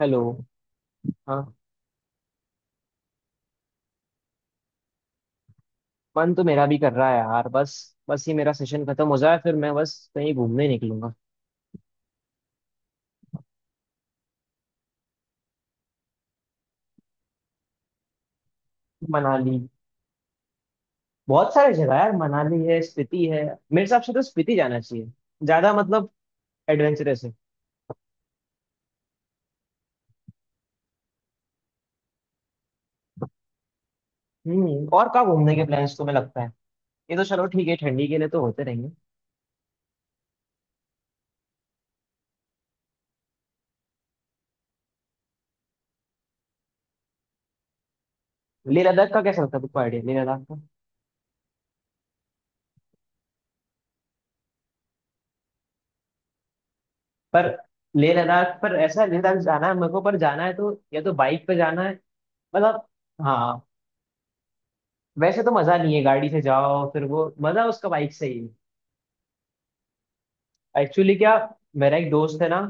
Hello. हाँ। मन तो मेरा भी कर रहा है यार, बस बस ये मेरा सेशन खत्म हो जाए फिर मैं बस कहीं घूमने निकलूंगा। मनाली। बहुत सारे जगह है यार, मनाली है, स्पीति है। मेरे हिसाब से तो स्पीति जाना चाहिए, ज्यादा मतलब एडवेंचरस है। और कहाँ घूमने के प्लान्स तुम्हें लगता है? ये तो चलो ठीक है, ठंडी के लिए तो होते रहेंगे। लेह लद्दाख का कैसा लगता है तुमको आइडिया, लेह लद्दाख का? पर लेह लद्दाख पर ऐसा है, लेह लद्दाख जाना है मेरे को, पर जाना है तो या तो बाइक पे जाना है। मतलब हाँ, वैसे तो मजा नहीं है गाड़ी से जाओ, फिर वो मजा उसका बाइक से ही है। एक्चुअली क्या, मेरा एक दोस्त है ना,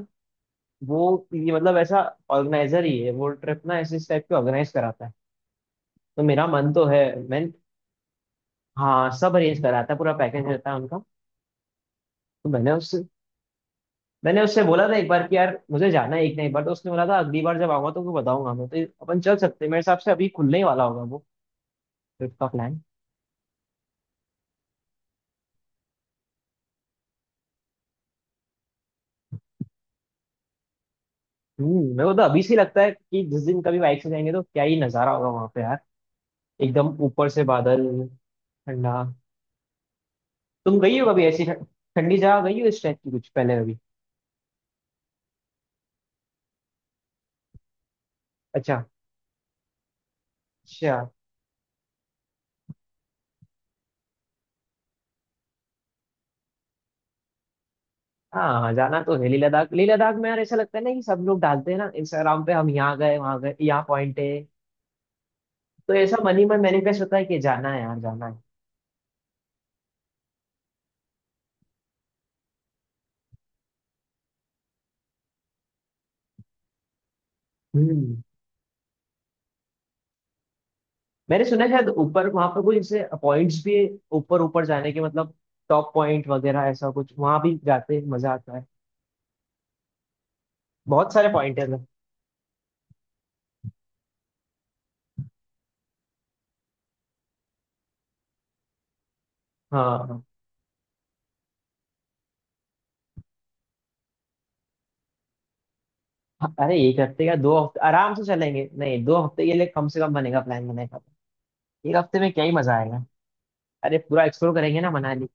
वो, ये मतलब ऐसा, ऑर्गेनाइजर ही है वो, ट्रिप ना ऐसे इस टाइप के ऑर्गेनाइज कराता है। तो मेरा मन तो है। मैं, हाँ सब अरेंज कराता है, पूरा पैकेज रहता है उनका। तो मैंने उससे बोला था एक बार कि यार मुझे जाना है एक ना एक बार। तो उसने बोला था अगली बार जब आऊंगा तो मैं बताऊंगा। मैं तो, अपन चल सकते हैं मेरे हिसाब से, अभी खुलने ही वाला होगा वो ट्रिप का प्लान। मेरे को तो अभी से ही लगता है कि जिस दिन कभी बाइक से जाएंगे तो क्या ही नजारा होगा वहां पे यार, एकदम ऊपर से बादल, ठंडा। तुम गई हो कभी ऐसी ठंडी जगह गई हो इस टाइप की कुछ पहले कभी? अच्छा, अच्छा। हाँ, हाँ, जाना तो है लेह लद्दाख। लेह लद्दाख में यार ऐसा लगता है ना कि सब लोग डालते हैं ना इंस्टाग्राम पे, हम यहाँ गए वहाँ गए, यहाँ पॉइंट है। तो ऐसा मन ही मन मैनिफेस्ट होता है कि जाना है यार, जाना है। हम्म मैंने सुना है शायद ऊपर वहाँ पर कुछ जैसे पॉइंट्स भी है, ऊपर ऊपर जाने के मतलब, टॉप पॉइंट वगैरह ऐसा कुछ वहाँ भी जाते हैं, मजा आता है, बहुत सारे पॉइंट है उधर। हाँ, हाँ, अरे एक हफ्ते या दो हफ्ते आराम से चलेंगे, नहीं दो हफ्ते के लिए कम से कम बनेगा, प्लान बनेगा। एक हफ्ते में क्या ही मजा आएगा। अरे पूरा एक्सप्लोर करेंगे ना मनाली,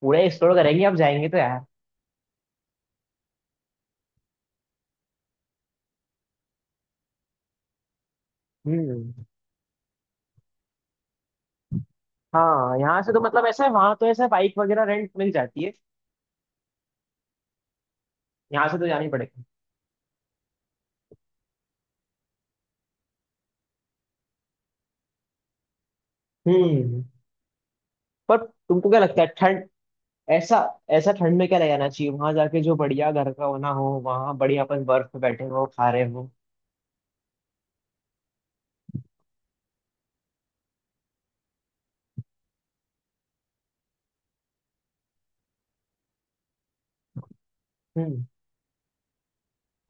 पूरा एक्सप्लोर करेंगे अब जाएंगे तो यार। हम्म, हाँ यहाँ से तो मतलब ऐसा है, वहां तो ऐसा है बाइक वगैरह रेंट मिल जाती है, यहाँ से तो जानी पड़ेगी। हम्म। पर तुमको क्या लगता है ठंड, ऐसा ऐसा ठंड में क्या ले जाना चाहिए वहां जाके, जो बढ़िया घर का होना हो, वहां बढ़िया अपन बर्फ पे बैठे हो खा रहे हो। हम्म,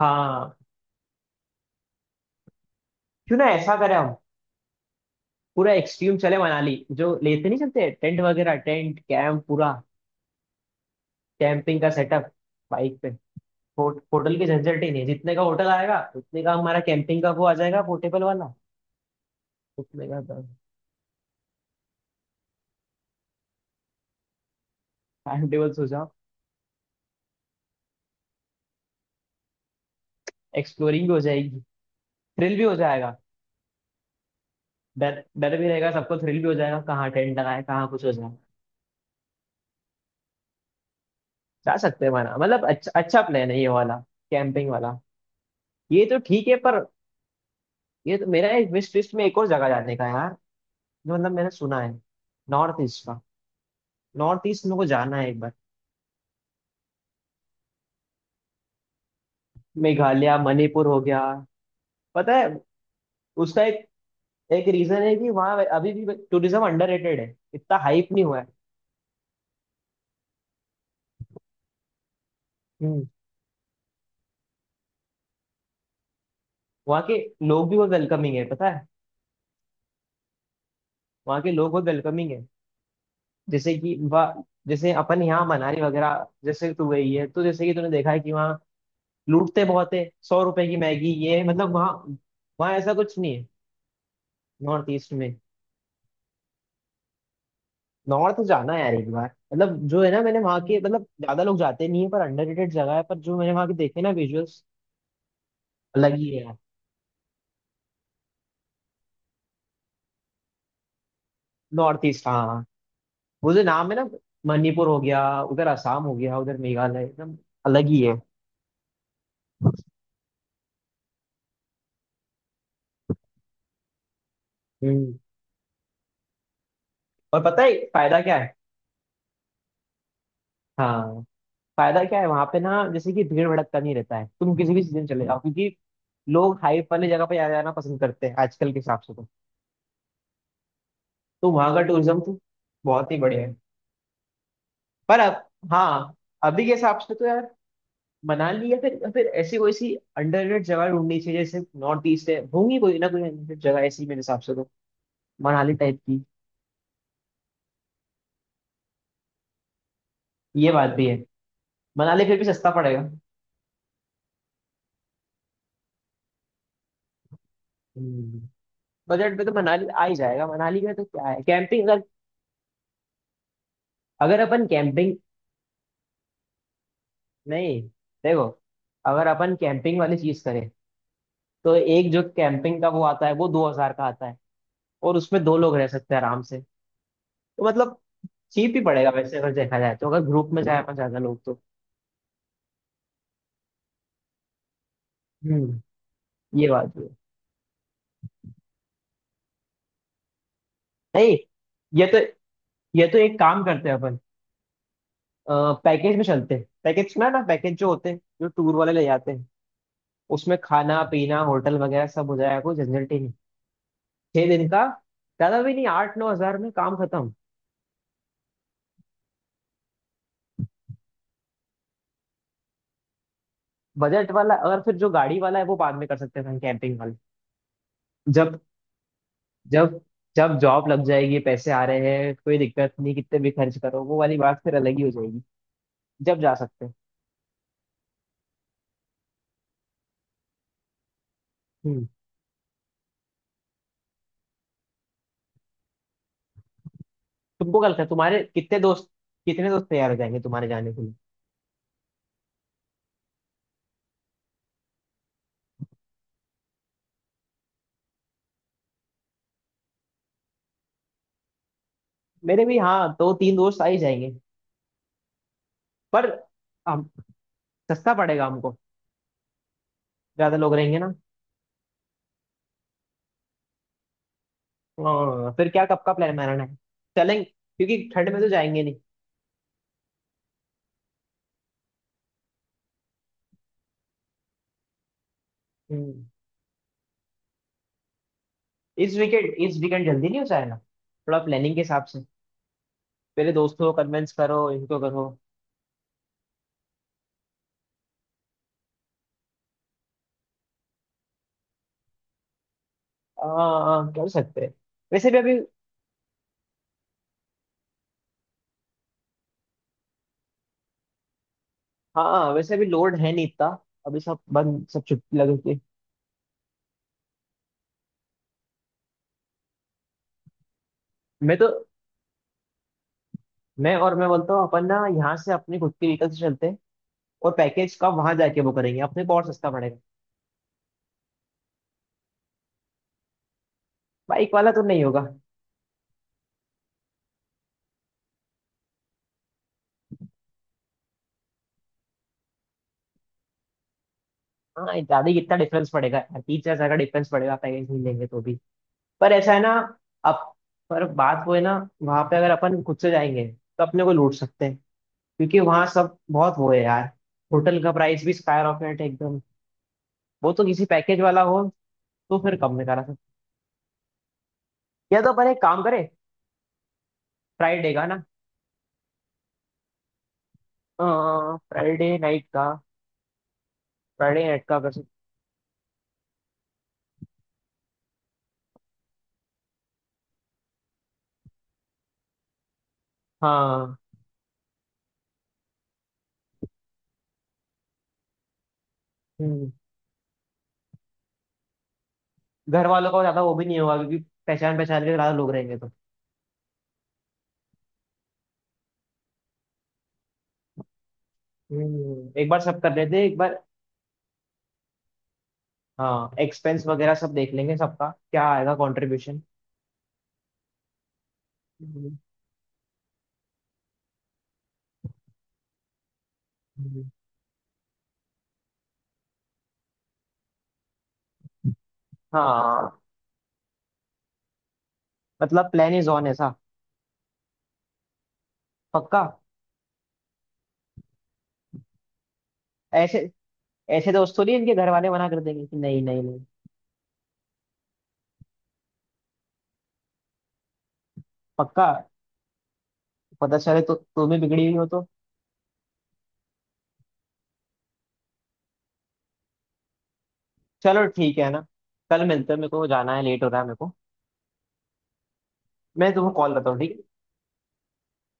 हाँ क्यों ना ऐसा करें हम, पूरा एक्सट्रीम चले मनाली, जो लेते नहीं चलते टेंट वगैरह, टेंट कैंप पूरा, कैंपिंग का सेटअप बाइक पे। होटल की झंझट ही नहीं है, जितने का होटल आएगा उतने का हमारा कैंपिंग का वो आ जाएगा, पोर्टेबल वाला। उतने का, टाइम टेबल सोचा, एक्सप्लोरिंग भी हो जाएगी, थ्रिल भी हो जाएगा। डर डर भी रहेगा सबको, थ्रिल भी हो जाएगा, कहाँ टेंट लगाए कहाँ कुछ हो जाए। जा सकते हैं माना, मतलब अच्छा, अच्छा प्लान है ये वाला, कैंपिंग वाला। ये तो ठीक है, पर ये तो मेरा एक विश लिस्ट में एक और जगह जाने का है यार। जो मतलब मैंने सुना है, नॉर्थ ईस्ट का। नॉर्थ ईस्ट मेरे को जाना है एक बार, मेघालय, मणिपुर हो गया। पता है, उसका एक एक रीजन है कि वहाँ अभी भी टूरिज्म अंडररेटेड है, इतना हाइप नहीं हुआ है। हम्म। वहाँ के लोग भी बहुत वेलकमिंग है, पता है, वहाँ के लोग बहुत वेलकमिंग है। जैसे कि वह, जैसे अपन यहाँ मनाली वगैरह जैसे तू गई है, तो जैसे कि तूने देखा है कि वहाँ लूटते बहुत है, सौ रुपए की मैगी। ये मतलब वहाँ, वहाँ ऐसा कुछ नहीं है। नॉर्थ ईस्ट में, नॉर्थ जाना है यार एक बार। मतलब जो है ना, मैंने वहाँ के मतलब, ज्यादा लोग जाते नहीं है पर अंडररेटेड जगह है, पर जो मैंने वहाँ के देखे ना विजुअल्स, अलग ही है। नॉर्थ ईस्ट, हाँ हाँ। वो जो नाम है ना, मणिपुर हो गया उधर, असम हो गया उधर, मेघालय एकदम अलग ही है। हम्म और पता है फायदा क्या है? हाँ, फायदा क्या है वहां पे ना, जैसे कि भीड़ भड़कता नहीं रहता है, तुम किसी भी सीजन चले जाओ, क्योंकि लोग हाइप वाली जगह पे जाना पसंद करते हैं आजकल के हिसाब से तो। तो वहां का टूरिज्म तो बहुत ही बढ़िया है। पर अब, हाँ अभी के हिसाब से तो यार, मनाली या फिर ऐसी कोई सी अंडररेटेड जगह ढूंढनी चाहिए, जैसे नॉर्थ ईस्ट है, होंगी कोई ना कोई अंडररेटेड जगह ऐसी मेरे हिसाब से तो, मनाली टाइप की। ये बात भी है, मनाली फिर भी सस्ता पड़ेगा। हम्म, बजट में तो मनाली आ ही जाएगा। मनाली में तो क्या है, कैंपिंग अगर अगर अपन कैंपिंग नहीं, देखो अगर अपन कैंपिंग वाली चीज करें, तो एक जो कैंपिंग का वो आता है, वो दो हजार का आता है, और उसमें दो लोग रह सकते हैं आराम से। तो मतलब चीप ही पड़ेगा वैसे, अगर देखा जाए, तो अगर ग्रुप में जाए अपन, ज्यादा लोग तो। हम्म। ये बात भी है। नहीं, ये तो ये तो एक काम करते हैं अपन, पैकेज में चलते हैं पैकेज में ना, पैकेज जो होते हैं जो टूर वाले ले जाते हैं, उसमें खाना पीना होटल वगैरह सब हो जाएगा, कोई झंझट ही नहीं, छह दिन का, ज्यादा भी नहीं, आठ नौ हजार में काम खत्म। बजट वाला, और फिर जो गाड़ी वाला है वो बाद में कर सकते हैं, कैंपिंग वाले। जब जब जब जॉब लग जाएगी, पैसे आ रहे हैं, कोई दिक्कत नहीं, कितने भी खर्च करो, वो वाली बात फिर अलग ही हो जाएगी, जब जा सकते हैं। हम्म तुमको कल का, तुम्हारे कितने दोस्त तैयार हो जाएंगे तुम्हारे जाने के लिए? मेरे भी हाँ, दो तीन दोस्त आ ही जाएंगे। पर हम, सस्ता पड़ेगा हमको, ज्यादा लोग रहेंगे ना। हाँ, फिर क्या, कब का प्लान बनाना है, चलेंगे क्योंकि ठंड में तो जाएंगे नहीं। हम्म, इस वीकेंड जल्दी नहीं हो जाएगा थोड़ा प्लानिंग के हिसाब से? पहले दोस्तों को कन्विंस करो, इनको करो। हाँ, कर सकते हैं वैसे भी अभी, हाँ वैसे भी लोड है नहीं इतना, अभी सब बंद, सब छुट्टी लग गई। मैं तो, मैं और मैं बोलता हूँ अपन ना, यहाँ से अपनी खुद की व्हीकल से चलते हैं। और पैकेज का वहां जाके वो करेंगे, अपने को और सस्ता पड़ेगा। बाइक वाला तो नहीं होगा। हाँ, ज्यादा ही इतना डिफरेंस पड़ेगा यार, तीन चार हजार का डिफरेंस पड़ेगा पैकेज नहीं लेंगे तो भी। पर ऐसा है ना, अब, पर बात वो है ना, वहां पे अगर अपन खुद से जाएंगे तो अपने को लूट सकते हैं, क्योंकि वहां सब बहुत वो है यार, होटल का प्राइस भी स्काई रॉकेट है एकदम। वो तो किसी पैकेज वाला हो, तो फिर कम में करा सकते। या तो अपन एक काम करें, फ्राइडे का ना, फ्राइडे नाइट का फ्राइडे नाइट का कर सकते। हाँ। हम्म। घर वालों का ज्यादा वो भी नहीं होगा, क्योंकि पहचान पहचान के ज्यादा लोग रहेंगे तो। एक बार सब कर लेते हैं एक बार। हाँ, एक्सपेंस वगैरह सब देख लेंगे, सबका क्या आएगा कंट्रीब्यूशन। हाँ मतलब, प्लान इज ऑन ऐसा। पक्का। ऐसे ऐसे दोस्त थोड़ी इनके घर वाले मना कर देंगे कि नहीं, नहीं, नहीं। पक्का। पता चले तो तुम भी बिगड़ी हुई हो तो। चलो ठीक है ना, कल मिलते हैं, मेरे को जाना है, लेट हो रहा है मेरे को। मैं तुमको कॉल करता हूँ, ठीक है?